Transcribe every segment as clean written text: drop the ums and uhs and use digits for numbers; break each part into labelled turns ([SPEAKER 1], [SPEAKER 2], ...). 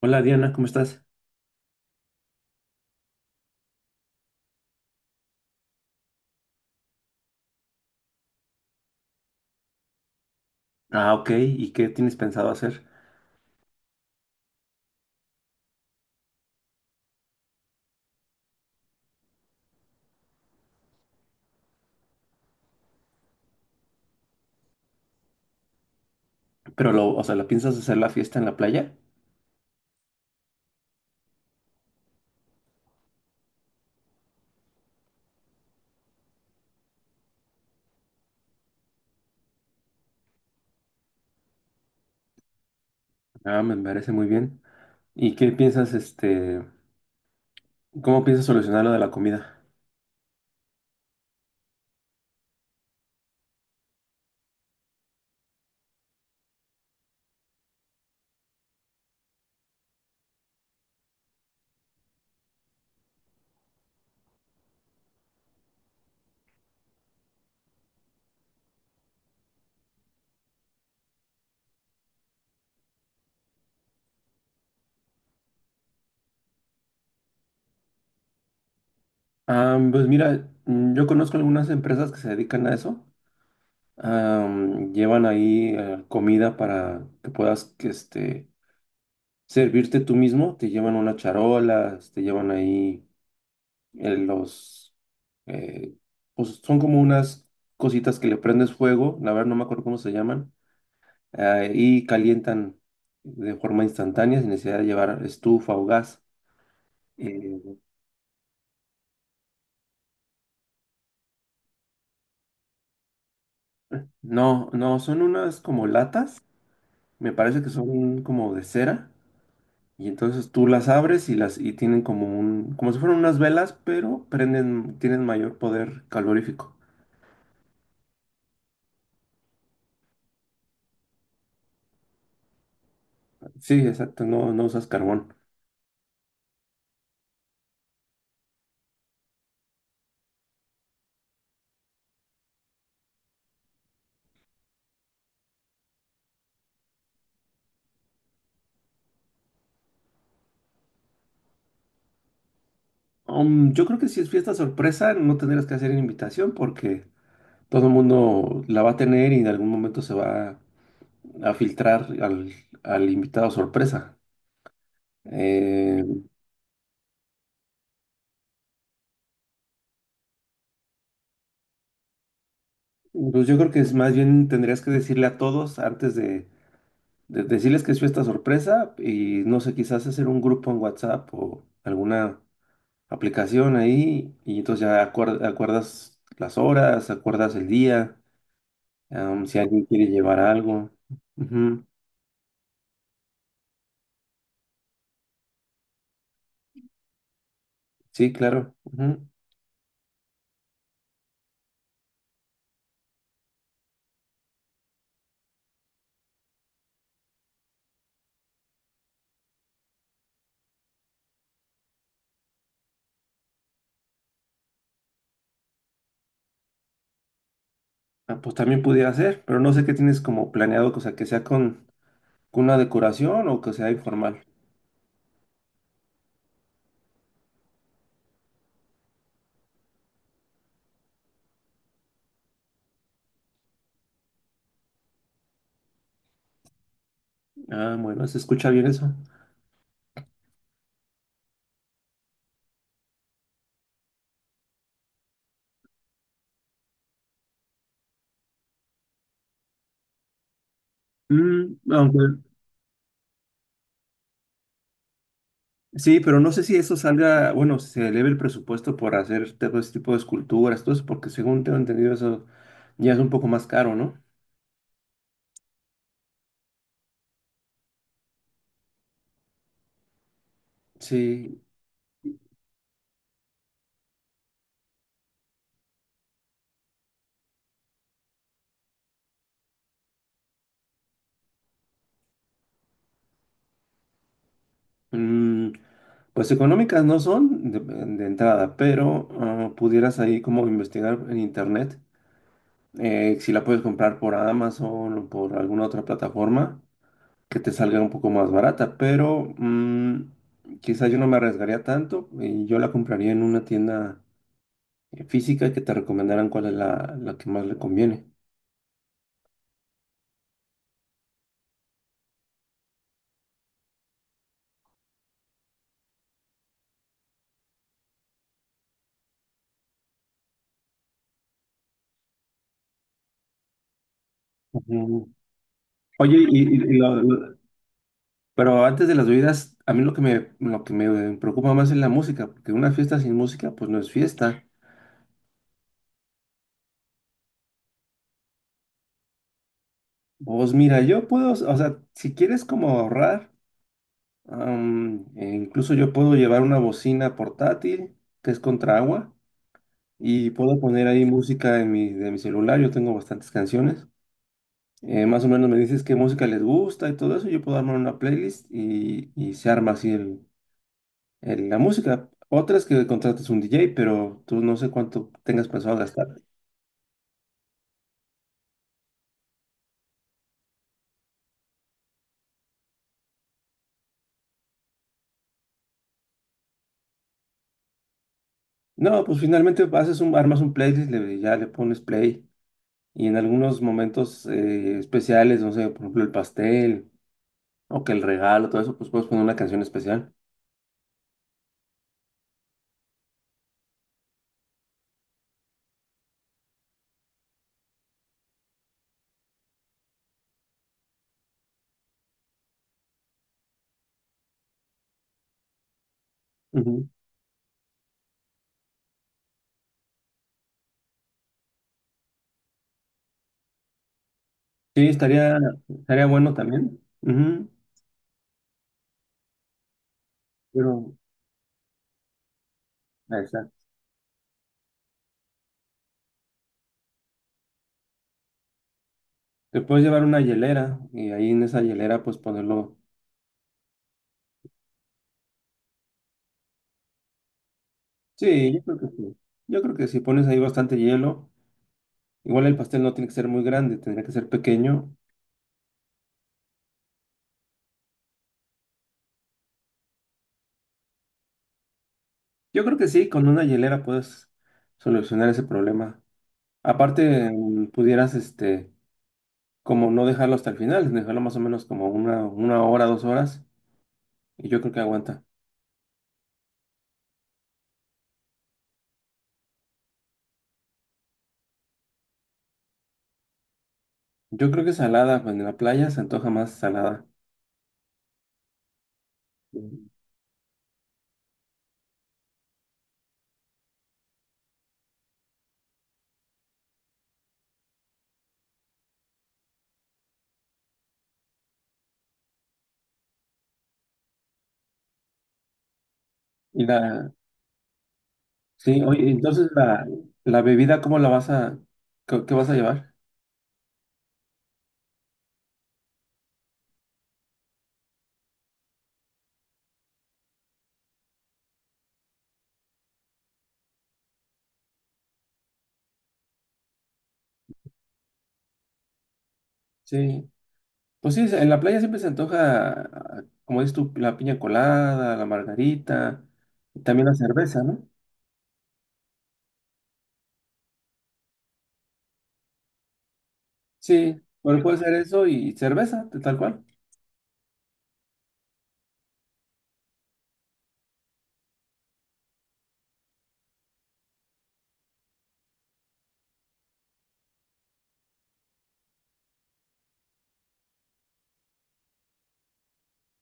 [SPEAKER 1] Hola Diana, ¿cómo estás? Ah, ok, ¿y qué tienes pensado hacer? Pero lo, o sea, ¿la piensas hacer la fiesta en la playa? Ah, me parece muy bien. ¿Y qué piensas, este, cómo piensas solucionar lo de la comida? Ah, pues mira, mm, yo conozco algunas empresas que se dedican a eso. Ah, mm, llevan ahí comida para que puedas, que, este, servirte tú mismo. Te llevan unas charolas, te llevan ahí los eh, pues son como unas cositas que le prendes fuego, la verdad no me acuerdo cómo se llaman, y calientan de forma instantánea sin necesidad de llevar estufa o gas. Eh, no, no, son unas como latas, me parece que son como de cera, y entonces tú las abres y las y tienen como un, como si fueran unas velas, pero prenden, tienen mayor poder calorífico. Sí, exacto, no, no usas carbón. Yo creo que si es fiesta sorpresa, no tendrías que hacer invitación porque todo el mundo la va a tener y en algún momento se va a filtrar al, al invitado sorpresa. Eh, pues yo creo que es más bien tendrías que decirle a todos antes de decirles que es fiesta sorpresa y no sé, quizás hacer un grupo en WhatsApp o alguna aplicación ahí y entonces ya acuerdas las horas, acuerdas el día, si alguien quiere llevar algo. Ujú. Sí, claro. Ujú. Ah, pues también pudiera ser, pero no sé qué tienes como planeado, o sea, que sea con una decoración o que sea informal. Ah, bueno, se escucha bien eso. Mm, aunque- sí, pero no sé si eso salga, bueno, si se eleve el presupuesto por hacer todo ese tipo de esculturas, todo eso, porque según tengo entendido eso ya es un poco más caro, ¿no? Sí, mm, pues económicas no son de entrada, pero ah, pudieras ahí como investigar en internet. Si la puedes comprar por Amazon o por alguna otra plataforma que te salga un poco más barata, pero mm, quizás yo no me arriesgaría tanto y yo la compraría en una tienda física que te recomendaran cuál es la, la que más le conviene. Ujú. Oye, y lo- Pero antes de las bebidas, a mí lo que me preocupa más es la música, porque una fiesta sin música pues no es fiesta. Vos mira, yo puedo, o sea, si quieres como ahorrar. E incluso yo puedo llevar una bocina portátil que es contra agua y puedo poner ahí música en mi, de mi celular. Yo tengo bastantes canciones. Más o menos me dices qué música les gusta y todo eso. Yo puedo armar una playlist y se arma así la música. Otra es que contratas un DJ, pero tú no sé cuánto tengas pensado gastar. No, pues finalmente haces un, armas un playlist, ya le pones play y en algunos momentos especiales, no sé, por ejemplo el pastel. O que el regalo, todo eso, pues puedes poner una canción especial. Ujú. Sí, estaría bueno también. Ujú. Pero, exacto. Te puedes llevar una hielera y ahí en esa hielera pues ponerlo. Sí, yo creo que sí. Yo creo que si pones ahí bastante hielo, igual el pastel no tiene que ser muy grande, tendría que ser pequeño. Yo creo que sí, con una hielera puedes solucionar ese problema. Aparte, mm, pudieras, este, como no dejarlo hasta el final, dejarlo más o menos como una hora, dos horas, y yo creo que aguanta. Yo creo que salada, pues en la playa se antoja más salada. Mm. Y la, sí, oye, entonces la bebida, ¿cómo la vas a, qué, qué vas a llevar? Sí, pues sí, en la playa siempre se antoja, ah, como dices tú, la piña colada, la margarita, y también la cerveza, ¿no? Sí, bueno, puede ser eso y cerveza, tal cual.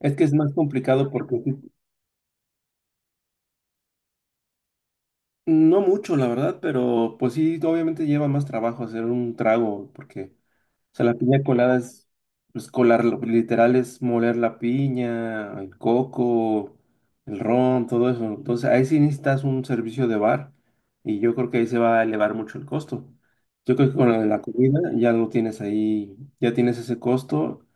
[SPEAKER 1] Es que es más complicado porque sí- No mucho, la verdad, pero pues sí, obviamente lleva más trabajo hacer un trago, porque, o sea, la piña colada es, pues colarlo, literal es moler la piña, el coco, el ron, todo eso. Entonces, ahí sí necesitas un servicio de bar y yo creo que ahí se va a elevar mucho el costo. Yo creo que con lo de la comida ya lo tienes ahí, ya tienes ese costo.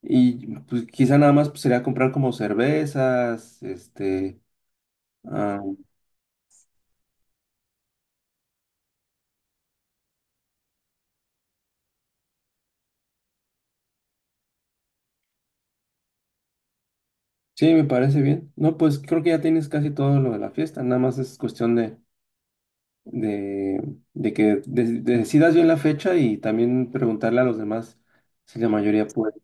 [SPEAKER 1] Y pues quizá nada más pues, sería comprar como cervezas, este... ah, sí, me parece bien. No, pues creo que ya tienes casi todo lo de la fiesta, nada más es cuestión de, de que decidas bien la fecha y también preguntarle a los demás si la mayoría puede.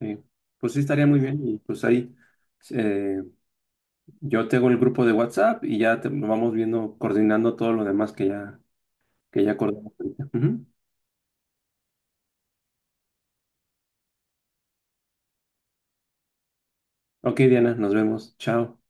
[SPEAKER 1] Sí. Pues sí, estaría muy bien y pues ahí eh, yo tengo el grupo de WhatsApp y ya te, nos vamos viendo, coordinando todo lo demás que ya acordamos. Ahorita. Ujú. Ok, Diana, nos vemos. Chao.